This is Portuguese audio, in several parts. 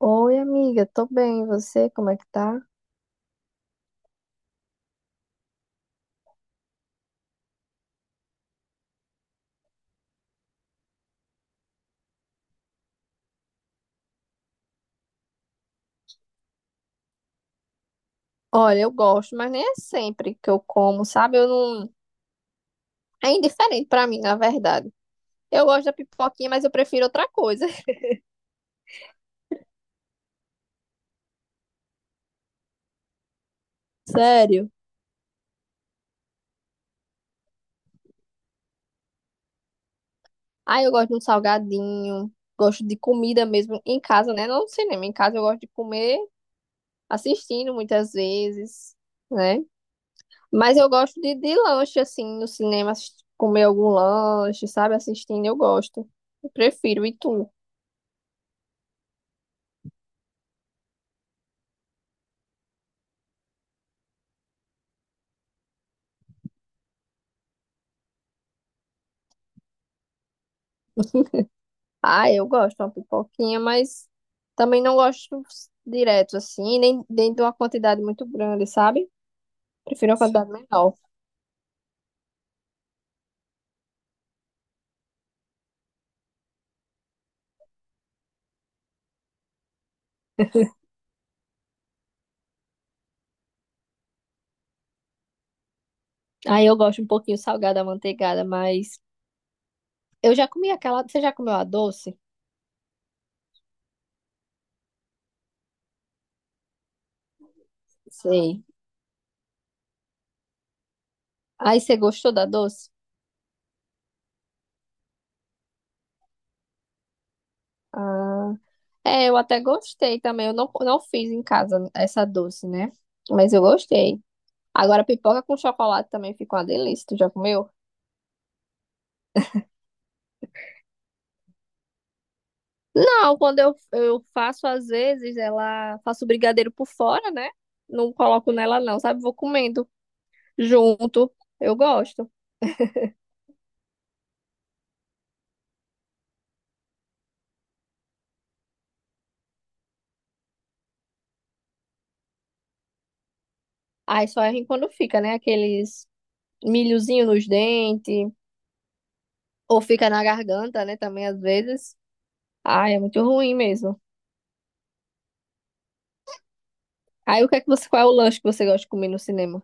Oi, amiga, tô bem. E você, como é que tá? Olha, eu gosto, mas nem é sempre que eu como, sabe? Eu não. É indiferente pra mim, na verdade. Eu gosto da pipoquinha, mas eu prefiro outra coisa. Sério. Ah, eu gosto de um salgadinho, gosto de comida mesmo em casa, né? Não no cinema, em casa eu gosto de comer assistindo muitas vezes, né? Mas eu gosto de lanche, assim, no cinema, comer algum lanche, sabe? Assistindo, eu gosto. Eu prefiro. E tu? Ah, eu gosto de uma pipoquinha, mas também não gosto direto assim, nem de uma quantidade muito grande, sabe? Prefiro uma quantidade menor. Aí eu gosto um pouquinho salgada, manteigada, mas eu já comi aquela. Você já comeu a doce? Sei. Aí você gostou da doce? Ah, é, eu até gostei também. Eu não, Não fiz em casa essa doce, né? Mas eu gostei. Agora, pipoca com chocolate também fica uma delícia. Tu já comeu? Não, quando eu faço, às vezes, ela faço brigadeiro por fora, né? Não coloco nela, não, sabe? Vou comendo junto. Eu gosto. Aí só é ruim quando fica, né? Aqueles milhozinho nos dentes, ou fica na garganta, né? Também às vezes. Ai, é muito ruim mesmo. Aí o que é que você, qual é o lanche que você gosta de comer no cinema?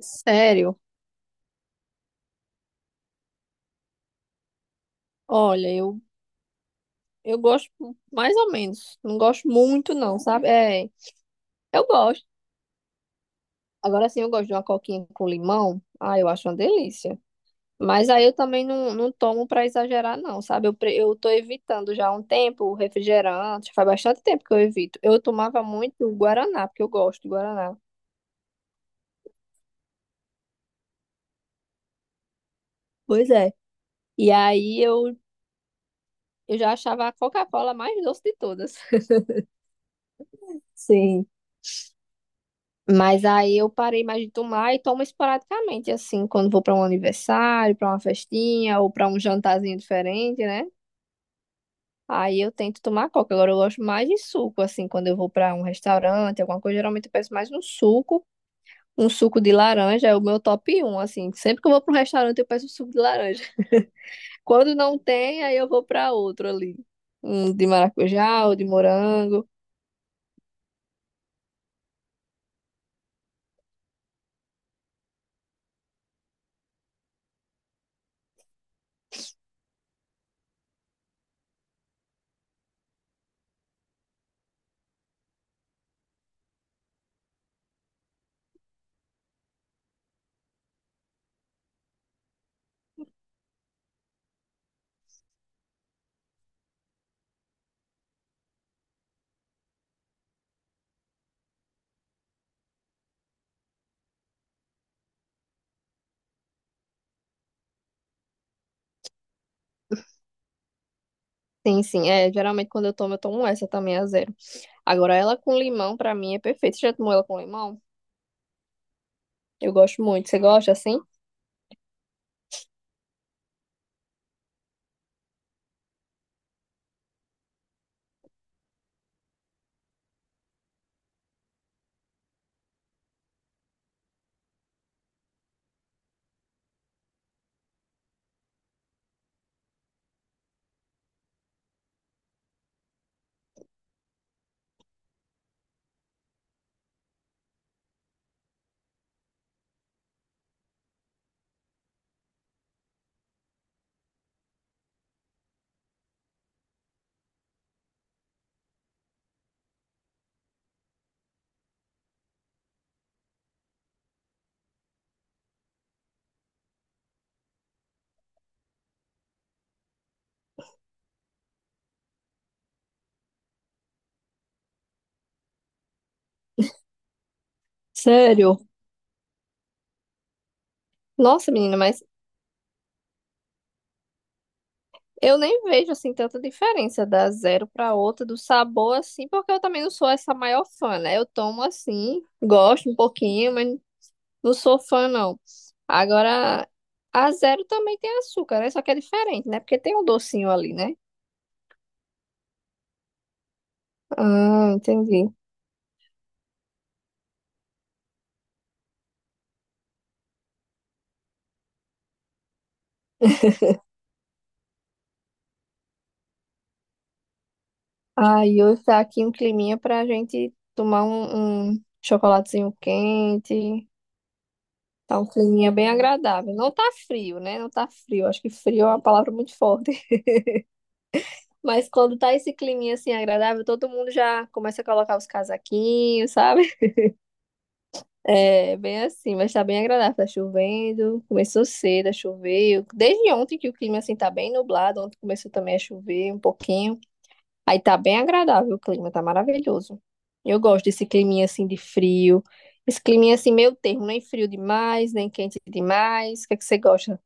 Sério? Olha, eu gosto mais ou menos. Não gosto muito, não, sabe? É, eu gosto. Agora sim, eu gosto de uma coquinha com limão. Ah, eu acho uma delícia. Mas aí eu também não tomo para exagerar, não, sabe? Eu tô evitando já há um tempo o refrigerante. Faz bastante tempo que eu evito. Eu tomava muito o Guaraná, porque eu gosto de Guaraná. Pois é. E aí eu, eu já achava a Coca-Cola mais doce de todas. Sim. Mas aí eu parei mais de tomar e tomo esporadicamente, assim, quando vou para um aniversário, para uma festinha ou para um jantarzinho diferente, né? Aí eu tento tomar coca. Agora eu gosto mais de suco, assim, quando eu vou pra um restaurante, alguma coisa, geralmente eu peço mais um suco. Um suco de laranja é o meu top 1, assim. Sempre que eu vou pra um restaurante, eu peço um suco de laranja. Quando não tem, aí eu vou pra outro ali. Um de maracujá ou de morango. Sim, sim. É, geralmente quando eu tomo essa também a zero. Agora ela com limão, pra mim, é perfeita. Você já tomou ela com limão? Eu gosto muito. Você gosta assim? Sério? Nossa, menina, mas eu nem vejo assim tanta diferença da zero para outra do sabor assim, porque eu também não sou essa maior fã, né? Eu tomo assim, gosto um pouquinho, mas não sou fã não. Agora a zero também tem açúcar, né? Só que é diferente, né? Porque tem um docinho ali, né? Ah, entendi. Aí hoje tá aqui um climinha pra gente tomar um chocolatezinho quente. Tá um climinha bem agradável. Não tá frio, né? Não tá frio. Acho que frio é uma palavra muito forte. Mas quando tá esse climinha assim agradável, todo mundo já começa a colocar os casaquinhos, sabe? É bem assim, mas tá bem agradável. Tá chovendo, começou cedo a chover. Desde ontem que o clima assim tá bem nublado, ontem começou também a chover um pouquinho. Aí tá bem agradável o clima, tá maravilhoso. Eu gosto desse climinha assim de frio. Esse climinha assim meio termo, nem frio demais, nem quente demais. O que é que você gosta?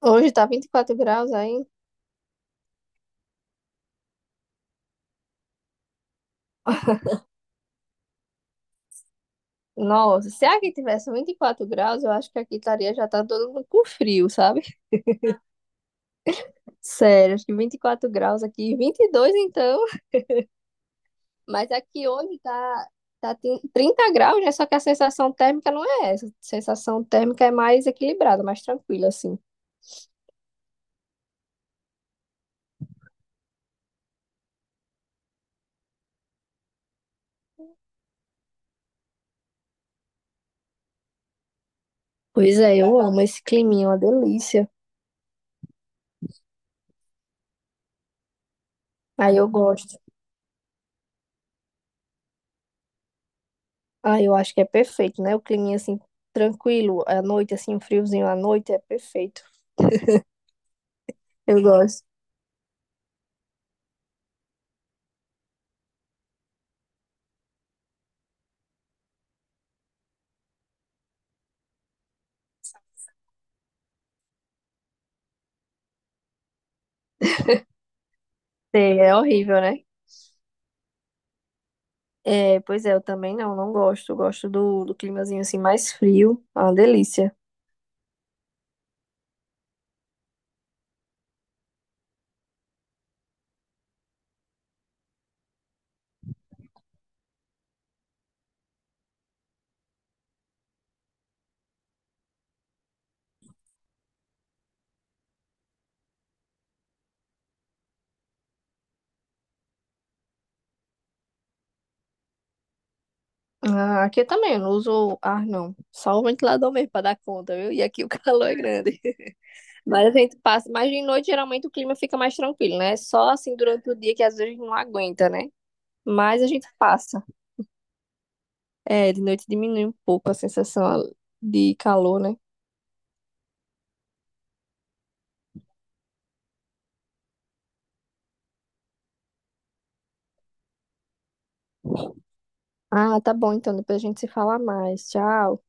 Hoje tá 24 graus aí. Nossa, se aqui tivesse 24 graus, eu acho que aqui estaria já tá todo mundo com frio, sabe? Sério, acho que 24 graus aqui, 22 então, mas aqui hoje tá tem 30 graus, né? Só que a sensação térmica não é essa. A sensação térmica é mais equilibrada, mais tranquila, assim. Pois é, eu amo esse climinha, é uma delícia. Aí eu gosto. Ah, eu acho que é perfeito, né? O climinha assim, tranquilo, à noite, assim, um friozinho à noite é perfeito. Eu gosto. Sei, é horrível, né? É, pois é, eu também não gosto. Eu gosto do climazinho assim mais frio. Ah, delícia. Ah, aqui eu não uso ar, não. Só o ventilador mesmo pra dar conta, viu? E aqui o calor é grande. Mas a gente passa. Mas de noite, geralmente, o clima fica mais tranquilo, né? Só assim durante o dia que às vezes a gente não aguenta, né? Mas a gente passa. É, de noite diminui um pouco a sensação de calor, né? Ah, tá bom, então depois a gente se fala mais. Tchau.